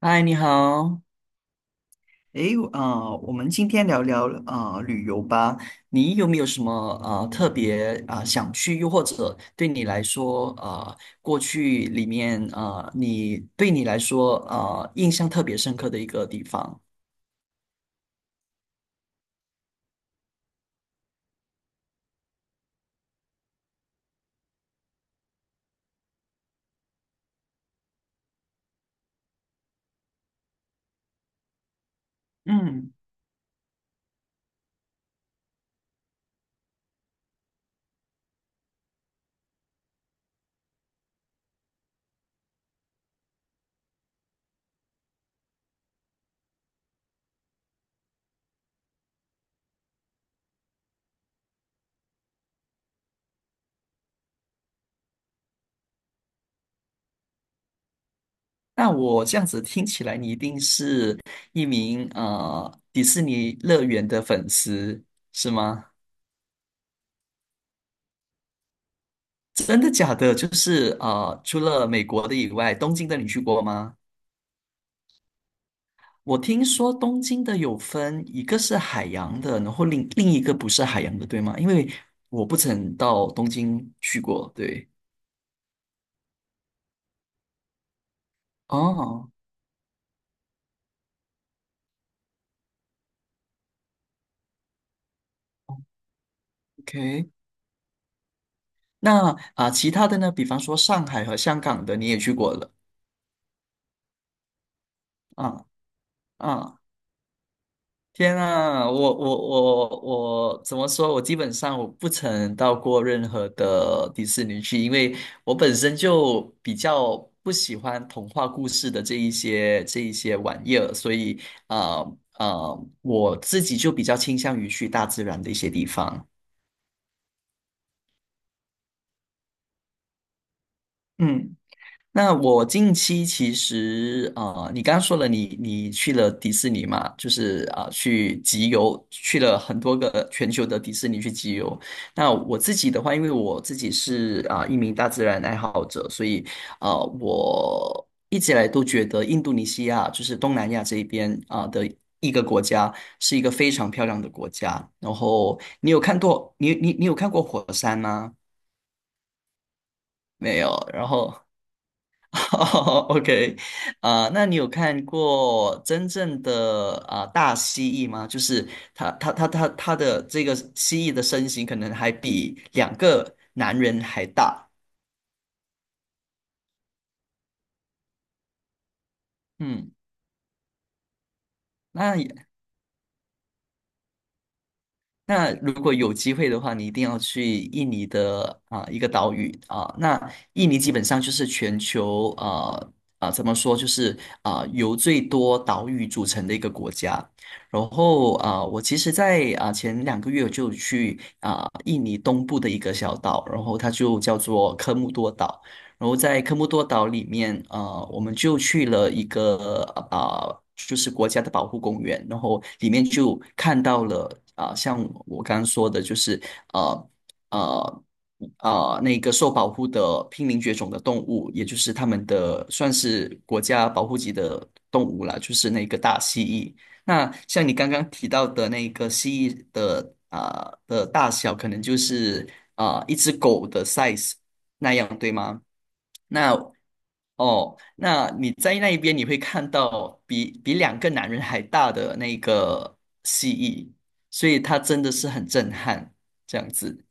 嗨，你好。诶，啊、我们今天聊聊啊、旅游吧。你有没有什么啊特别啊、想去，又或者对你来说啊、过去里面啊、你来说啊、印象特别深刻的一个地方？嗯，那我这样子听起来，你一定是一名迪士尼乐园的粉丝，是吗？真的假的？就是除了美国的以外，东京的你去过吗？我听说东京的有分，一个是海洋的，然后另一个不是海洋的，对吗？因为我不曾到东京去过，对。哦，OK,那啊、其他的呢？比方说上海和香港的，你也去过了，啊啊。天啊，我怎么说？我基本上我不曾到过任何的迪士尼去，因为我本身就比较不喜欢童话故事的这一些玩意儿，所以啊啊、我自己就比较倾向于去大自然的一些地方。嗯。那我近期其实你刚刚说了你去了迪士尼嘛，就是啊、去集邮，去了很多个全球的迪士尼去集邮。那我自己的话，因为我自己是啊、一名大自然爱好者，所以啊、我一直以来都觉得印度尼西亚就是东南亚这一边啊、的一个国家是一个非常漂亮的国家。然后你有看过火山吗？没有。然后 OK,啊、那你有看过真正的啊、大蜥蜴吗？就是它的这个蜥蜴的身形可能还比两个男人还大。嗯，那那如果有机会的话，你一定要去印尼的啊、一个岛屿啊、那印尼基本上就是全球怎么说，就是啊、由最多岛屿组成的一个国家。然后啊、我其实在啊、前2个月我就去啊、印尼东部的一个小岛，然后它就叫做科穆多岛。然后在科莫多岛里面，我们就去了一个就是国家的保护公园，然后里面就看到了啊、像我刚刚说的，就是呃呃那个受保护的濒临绝种的动物，也就是他们的算是国家保护级的动物啦，就是那个大蜥蜴。那像你刚刚提到的那个蜥蜴的啊、的大小，可能就是啊、一只狗的 size 那样，对吗？那哦，那你在那一边你会看到比两个男人还大的那个蜥蜴，所以它真的是很震撼，这样子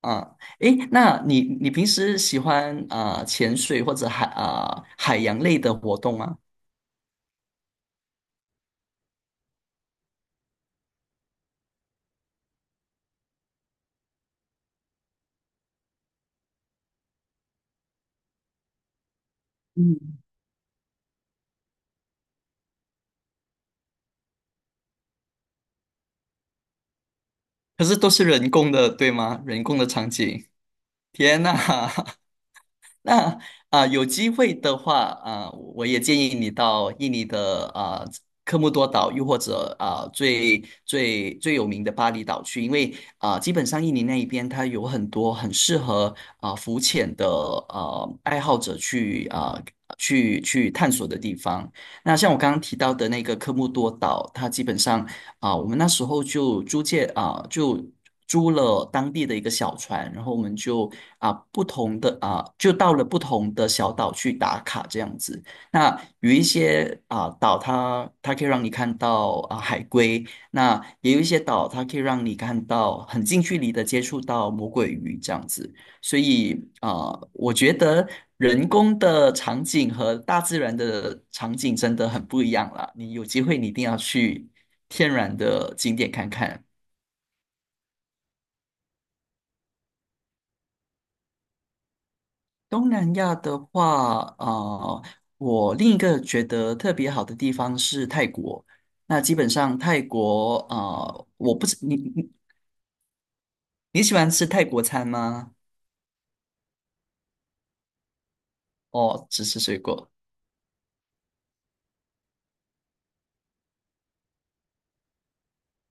啊。诶，那你平时喜欢啊、潜水或者海洋类的活动吗？可是都是人工的，对吗？人工的场景，天呐！那啊、有机会的话啊、我也建议你到印尼的啊、科莫多岛，又或者啊、最最最有名的巴厘岛去，因为啊、基本上印尼那一边它有很多很适合啊、浮潜的爱好者去啊、去探索的地方。那像我刚刚提到的那个科莫多岛，它基本上啊，我们那时候就租借啊，就租了当地的一个小船，然后我们就啊不同的啊，就到了不同的小岛去打卡这样子。那有一些啊岛它可以让你看到啊海龟，那也有一些岛它可以让你看到很近距离的接触到魔鬼鱼这样子。所以啊，我觉得人工的场景和大自然的场景真的很不一样啦。你有机会，你一定要去天然的景点看看。东南亚的话，啊，我另一个觉得特别好的地方是泰国。那基本上泰国，啊，我不知你喜欢吃泰国餐吗？哦，只吃水果。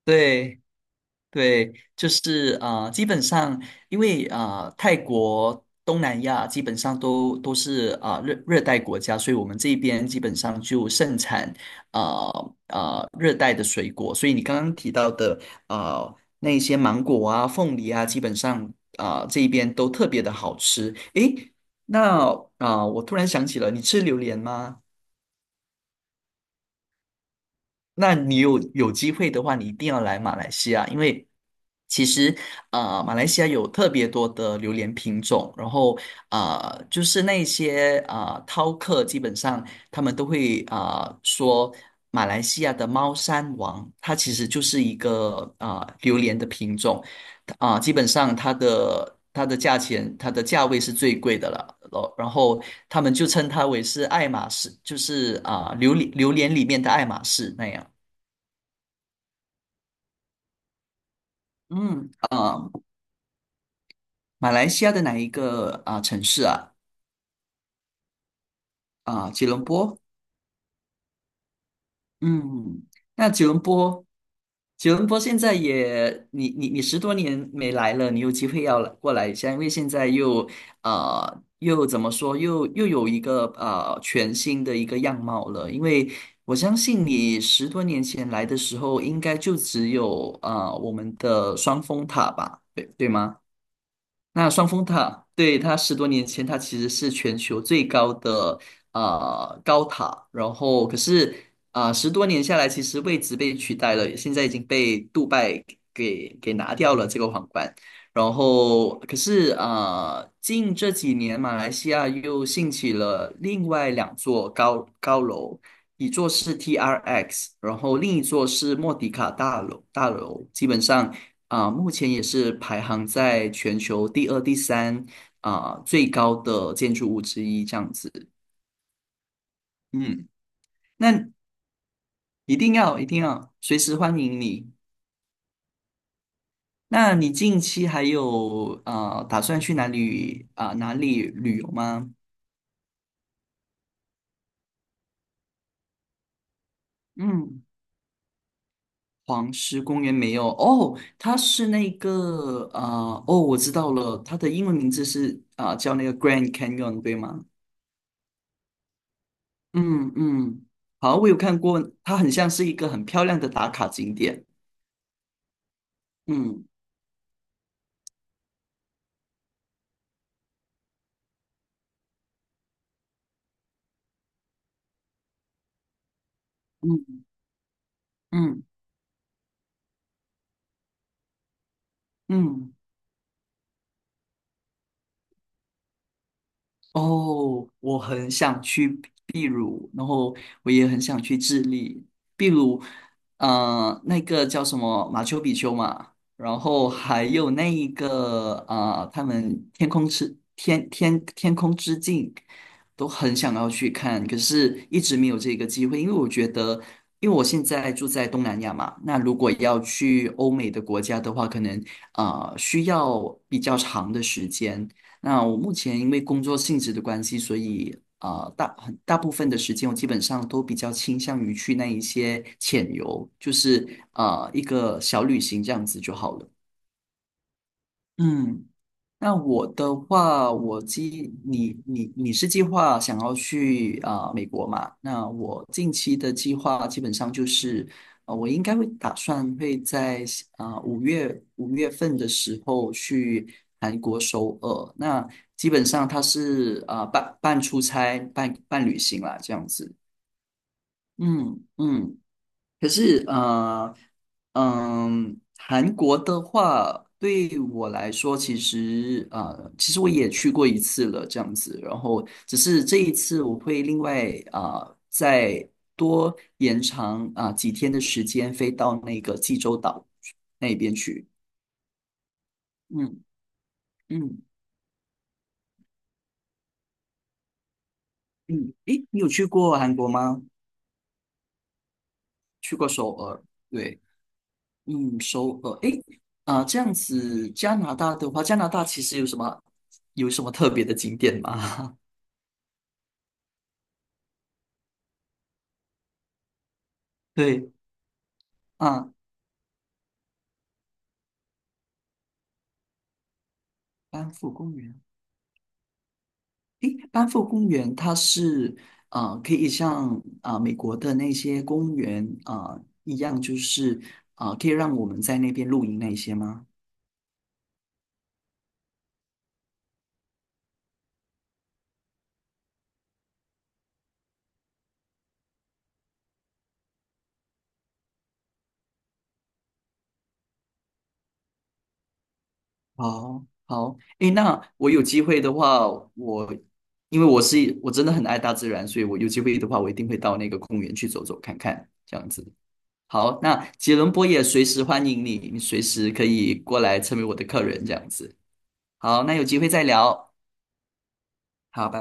对。对，就是啊、基本上因为啊、泰国、东南亚基本上都是啊、热带国家，所以我们这边基本上就盛产啊啊、热带的水果。所以你刚刚提到的那一些芒果啊、凤梨啊，基本上啊、这一边都特别的好吃。诶，那啊、我突然想起了，你吃榴莲吗？那你有机会的话，你一定要来马来西亚，因为其实马来西亚有特别多的榴莲品种，然后就是那些饕客，基本上他们都会啊说马来西亚的猫山王，它其实就是一个啊榴莲的品种，啊、基本上它的价钱，它的价位是最贵的了。哦然后他们就称它为是爱马仕，就是啊、榴莲里面的爱马仕那样。嗯，啊，马来西亚的哪一个啊、城市啊？啊、吉隆坡。嗯，那吉隆坡现在也，你十多年没来了，你有机会要来过来一下，因为现在又怎么说，又有一个全新的一个样貌了。因为我相信你十多年前来的时候，应该就只有啊、我们的双峰塔吧，对对吗？那双峰塔，对，它十多年前，它其实是全球最高的高塔，然后可是啊、十多年下来，其实位置被取代了，现在已经被杜拜给拿掉了这个皇冠。然后可是啊、近这几年马来西亚又兴起了另外2座高楼，一座是 TRX,然后另一座是莫迪卡大楼，基本上。啊、目前也是排行在全球第二、第三啊、最高的建筑物之一，这样子。嗯，那一定要一定要随时欢迎你。那你近期还有啊、打算去哪里旅游吗？嗯，黄石公园没有哦，它是那个啊、哦，我知道了，它的英文名字是啊、叫那个 Grand Canyon 对吗？嗯嗯，好，我有看过，它很像是一个很漂亮的打卡景点。嗯嗯嗯嗯，哦，我很想去秘鲁，然后我也很想去智利。秘鲁，那个叫什么马丘比丘嘛，然后还有那一个他们天空之镜都很想要去看，可是一直没有这个机会，因为我觉得，因为我现在住在东南亚嘛，那如果要去欧美的国家的话，可能啊需要比较长的时间。那我目前因为工作性质的关系，所以啊、很大部分的时间我基本上都比较倾向于去那一些浅游，就是啊、一个小旅行这样子就好了。嗯。那我的话，你是计划想要去啊、美国嘛？那我近期的计划基本上就是，我应该会打算会在啊五月份的时候去韩国首尔。那基本上它是啊、半出差半旅行啦，这样子。嗯嗯。可是，嗯，韩国的话，对我来说，其实，其实我也去过一次了，这样子。然后，只是这一次我会另外啊、再多延长啊、几天的时间，飞到那个济州岛那边去。嗯嗯嗯，诶，你有去过韩国吗？去过首尔，对。嗯，首尔，诶，啊，这样子，加拿大的话，加拿大其实有什么特别的景点吗？对，啊，班夫公园，诶，班夫公园它是啊，可以像啊美国的那些公园啊一样，就是啊，可以让我们在那边露营那些吗？好，好，诶，那我有机会的话，我因为我是我真的很爱大自然，所以我有机会的话，我一定会到那个公园去走走看看，这样子。好，那杰伦波也随时欢迎你，你随时可以过来成为我的客人，这样子。好，那有机会再聊。好。